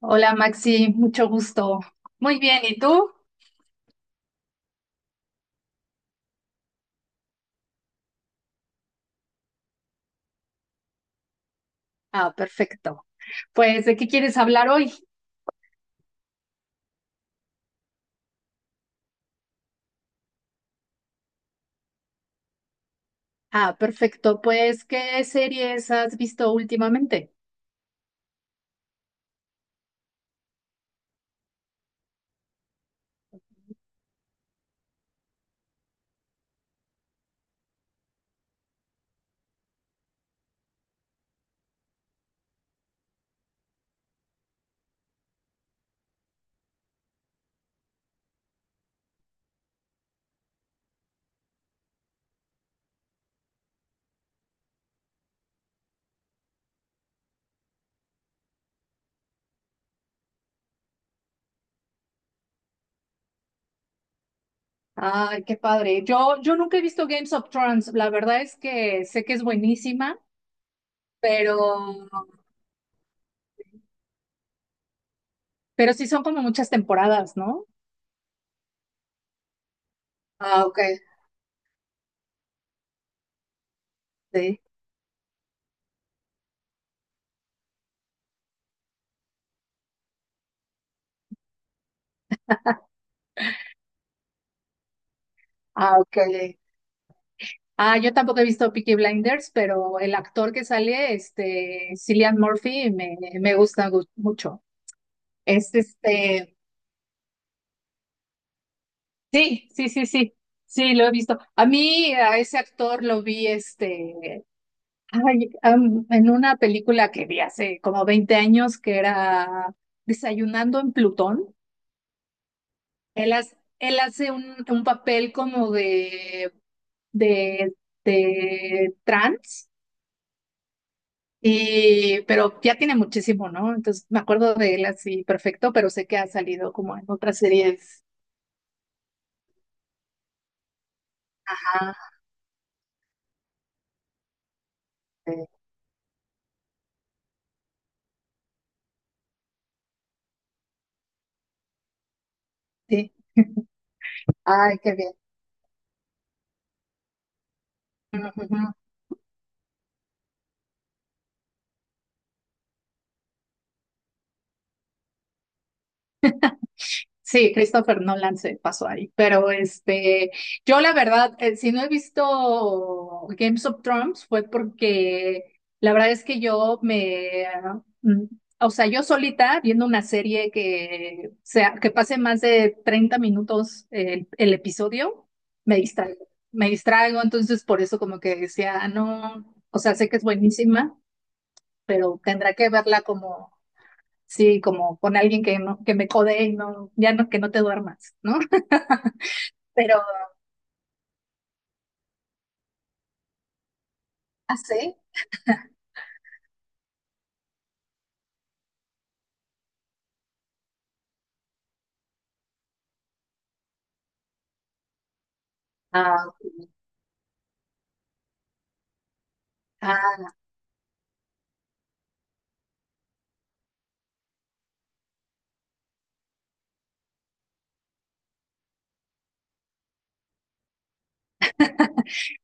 Hola Maxi, mucho gusto. Muy bien, ¿y tú? Ah, perfecto. Pues, ¿de qué quieres hablar hoy? Ah, perfecto. Pues, ¿qué series has visto últimamente? Ay, qué padre. Yo nunca he visto Games of Thrones. La verdad es que sé que es buenísima, pero, pero sí son como muchas temporadas, ¿no? Ah, ok. Sí. Ah, ok. Ah, yo tampoco he visto Peaky Blinders, pero el actor que sale, Cillian Murphy, me gusta mucho. Es sí, sí, sí, sí, sí, lo he visto. A mí, a ese actor lo vi, en una película que vi hace como 20 años que era Desayunando en Plutón. Él hace un papel como de, de trans, y, pero ya tiene muchísimo, ¿no? Entonces me acuerdo de él así perfecto, pero sé que ha salido como en otras series. Ajá, sí. Sí. Ay, qué bien. Sí, Christopher Nolan se pasó ahí, pero yo la verdad, si no he visto Games of Thrones fue porque la verdad es que yo me, o sea, yo solita viendo una serie que sea, que pase más de 30 minutos el episodio, me distraigo, entonces por eso como que decía, "Ah, no, o sea, sé que es buenísima, pero tendrá que verla como sí, como con alguien que, no, que me codee y no, ya no, que no te duermas, ¿no?" Pero sí, ah, ah,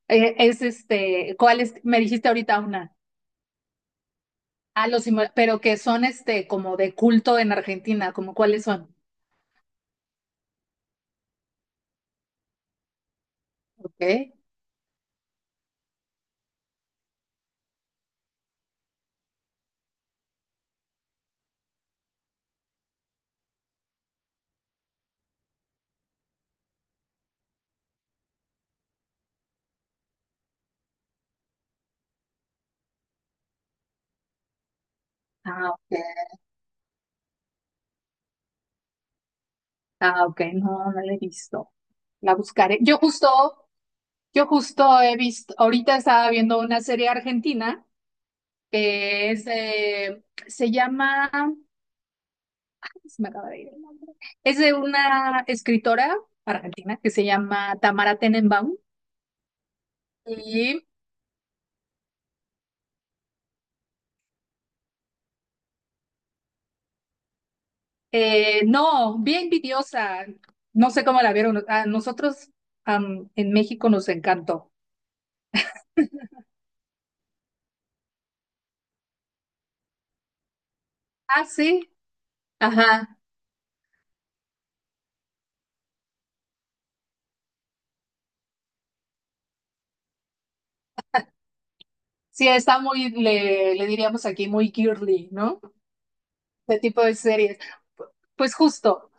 es ¿cuál es? Me dijiste ahorita una. Ah, pero que son como de culto en Argentina, como cuáles son. Ok. Ah, ok. Ah, ok. No, no la he visto. La buscaré. Yo justo he visto, ahorita estaba viendo una serie argentina que es, se llama se me acaba de ir el nombre. Es de una escritora argentina que se llama Tamara Tenenbaum. Y no, bien envidiosa. No sé cómo la vieron. A nosotros en México nos encantó. Ah, sí. Ajá. Sí, está muy, le diríamos aquí, muy girly, ¿no? De tipo de series. Pues justo.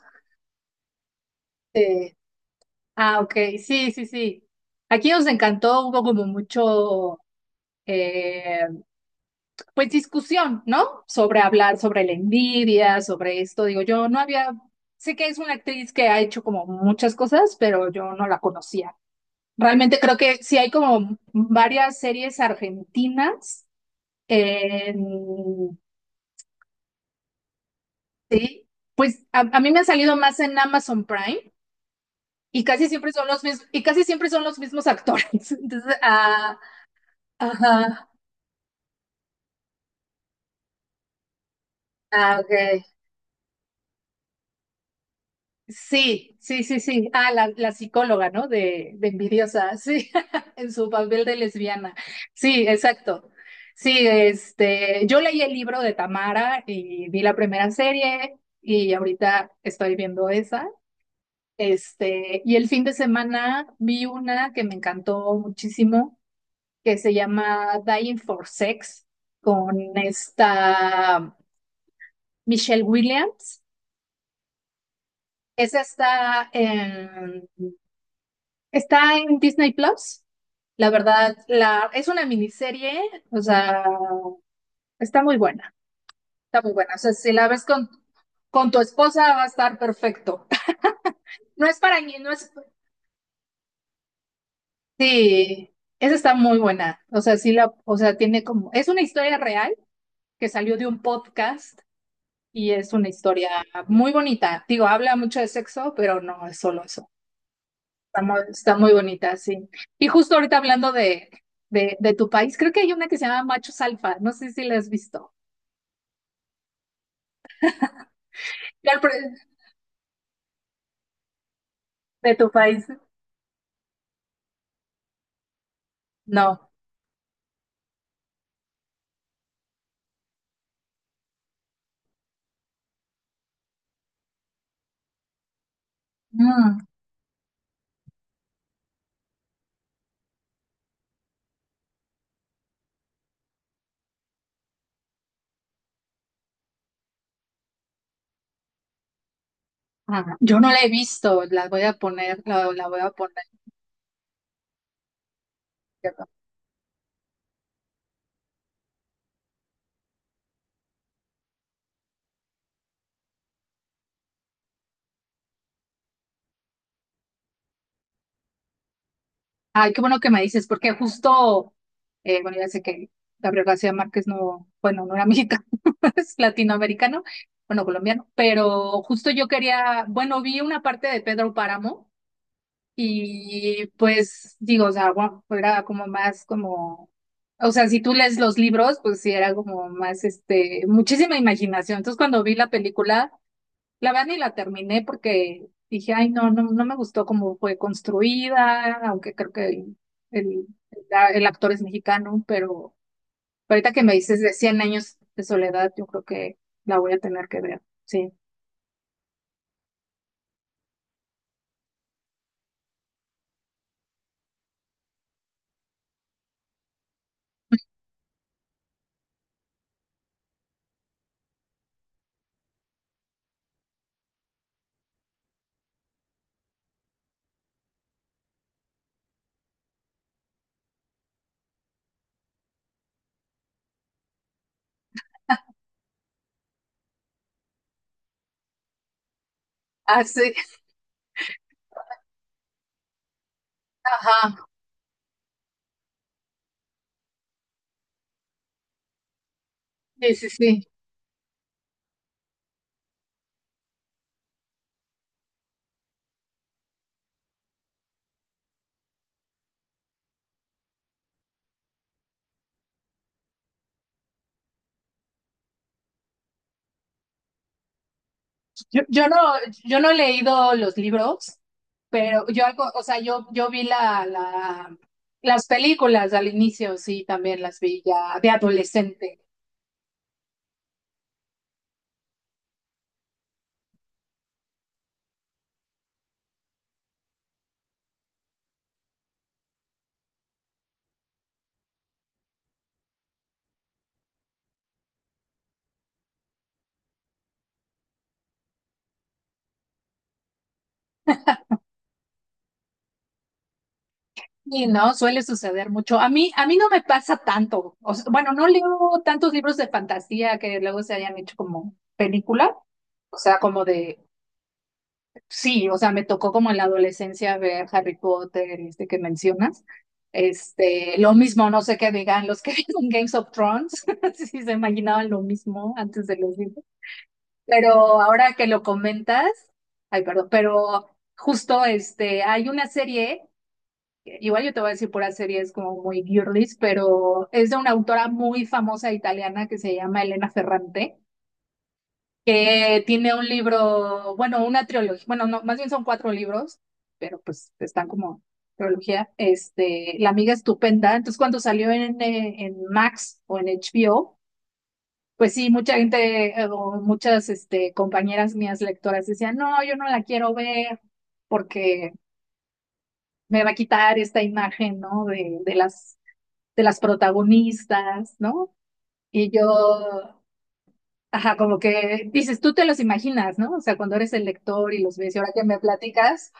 eh, ok. Sí, sí, sí. Aquí nos encantó. Hubo como mucho. eh, pues discusión, ¿no? Sobre hablar sobre la envidia, sobre esto. Digo, yo no había, sé que es una actriz que ha hecho como muchas cosas, pero yo no la conocía. Realmente creo que sí hay como varias series argentinas. en- sí, pues a mí me han salido más en Amazon Prime y casi siempre son los mismos, y casi siempre son los mismos actores. Entonces, ajá, ok, sí, sí, sí, sí. Ah, la psicóloga, ¿no? De envidiosa, sí, en su papel de lesbiana. Sí, exacto. Sí, yo leí el libro de Tamara y vi la primera serie y ahorita estoy viendo esa. Y el fin de semana vi una que me encantó muchísimo, que se llama Dying for Sex, con esta Michelle Williams. Esa está en Está en Disney Plus. La verdad, es una miniserie, o sea, está muy buena, está muy buena. O sea, si la ves con tu esposa va a estar perfecto. No es para mí, no es... Sí, esa está muy buena. O sea, o sea, tiene como... Es una historia real que salió de un podcast y es una historia muy bonita. Digo, habla mucho de sexo, pero no es solo eso. Está muy bonita, sí. Y justo ahorita hablando de, de tu país, creo que hay una que se llama Machos Alfa, no sé si la has visto. Yo al pri- ¿De tu país? No. Mm, yo no la he visto, la voy a poner, la voy a poner. ¿Cierto? Ay, qué bueno que me dices, porque justo, bueno, ya sé que Gabriel García Márquez no, bueno, no era mexicano, es latinoamericano, bueno, colombiano, pero justo yo quería, bueno, vi una parte de Pedro Páramo. Y pues digo, o sea, era como más como, o sea, si tú lees los libros, pues sí era como más, muchísima imaginación. Entonces cuando vi la película, la verdad ni la terminé porque dije, ay, no, no, no me gustó cómo fue construida, aunque creo que el, el actor es mexicano, pero ahorita que me dices de Cien años de soledad, yo creo que la voy a tener que ver, sí. Ah, sí, ajá, sí, sí, sí. Yo no, yo no he leído los libros, pero yo algo, o sea, yo vi las películas al inicio, sí, también las vi ya de adolescente. Y no, suele suceder mucho. A mí no me pasa tanto. O sea, bueno, no leo tantos libros de fantasía que luego se hayan hecho como película, o sea, como de sí, o sea, me tocó como en la adolescencia ver Harry Potter, que mencionas. Lo mismo, no sé qué digan los que vieron Games of Thrones, si se imaginaban lo mismo antes de los libros. Pero ahora que lo comentas, ay, perdón, pero justo hay una serie, igual yo te voy a decir pura serie, es como muy girlies, pero es de una autora muy famosa italiana que se llama Elena Ferrante que tiene un libro, bueno, una trilogía, bueno, no, más bien son cuatro libros, pero pues están como trilogía, La amiga estupenda. Entonces, cuando salió en Max o en HBO, pues sí, mucha gente o muchas compañeras mías lectoras decían, no, yo no la quiero ver porque me va a quitar esta imagen, ¿no? De las protagonistas, ¿no? Y yo ajá, como que dices, tú te los imaginas, ¿no? O sea, cuando eres el lector y los ves y ahora que me platicas,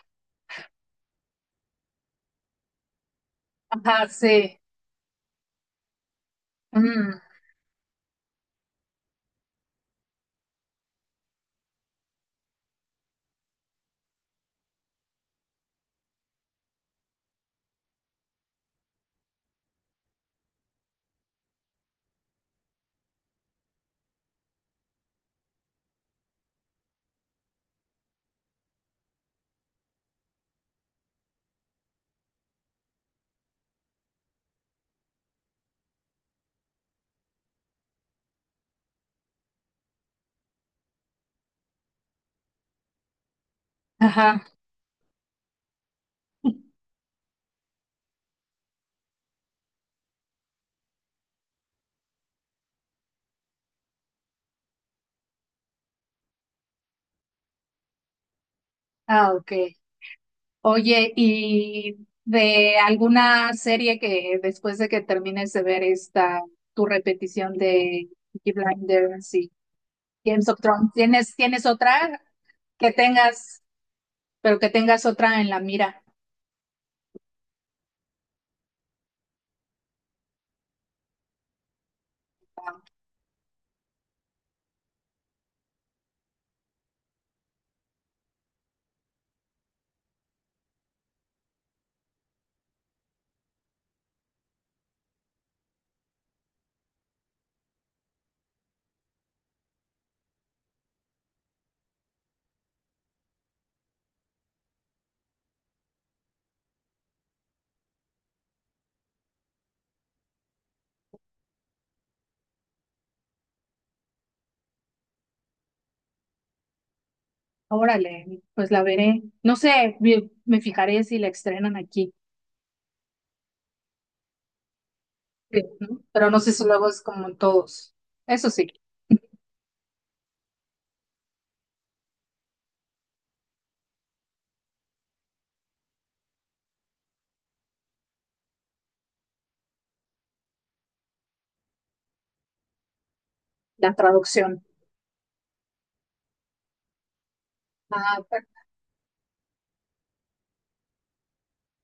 ajá, sí, mm, ajá, ok. Oye, ¿y de alguna serie que después de que termines de ver esta, tu repetición de Peaky Blinders y Games of Thrones, ¿tienes otra que tengas, pero que tengas otra en la mira? Órale, pues la veré. No sé, me fijaré si la estrenan aquí. Sí, ¿no? Pero no sé si luego es como en todos. Eso sí, la traducción. Ah, ok.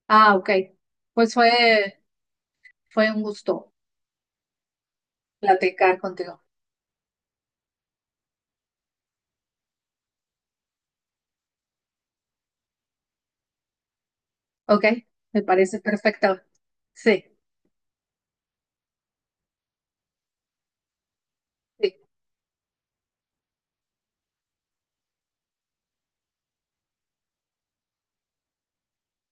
Ah, ok. Pues fue un gusto platicar contigo. Ok, me parece perfecto. Sí, sí.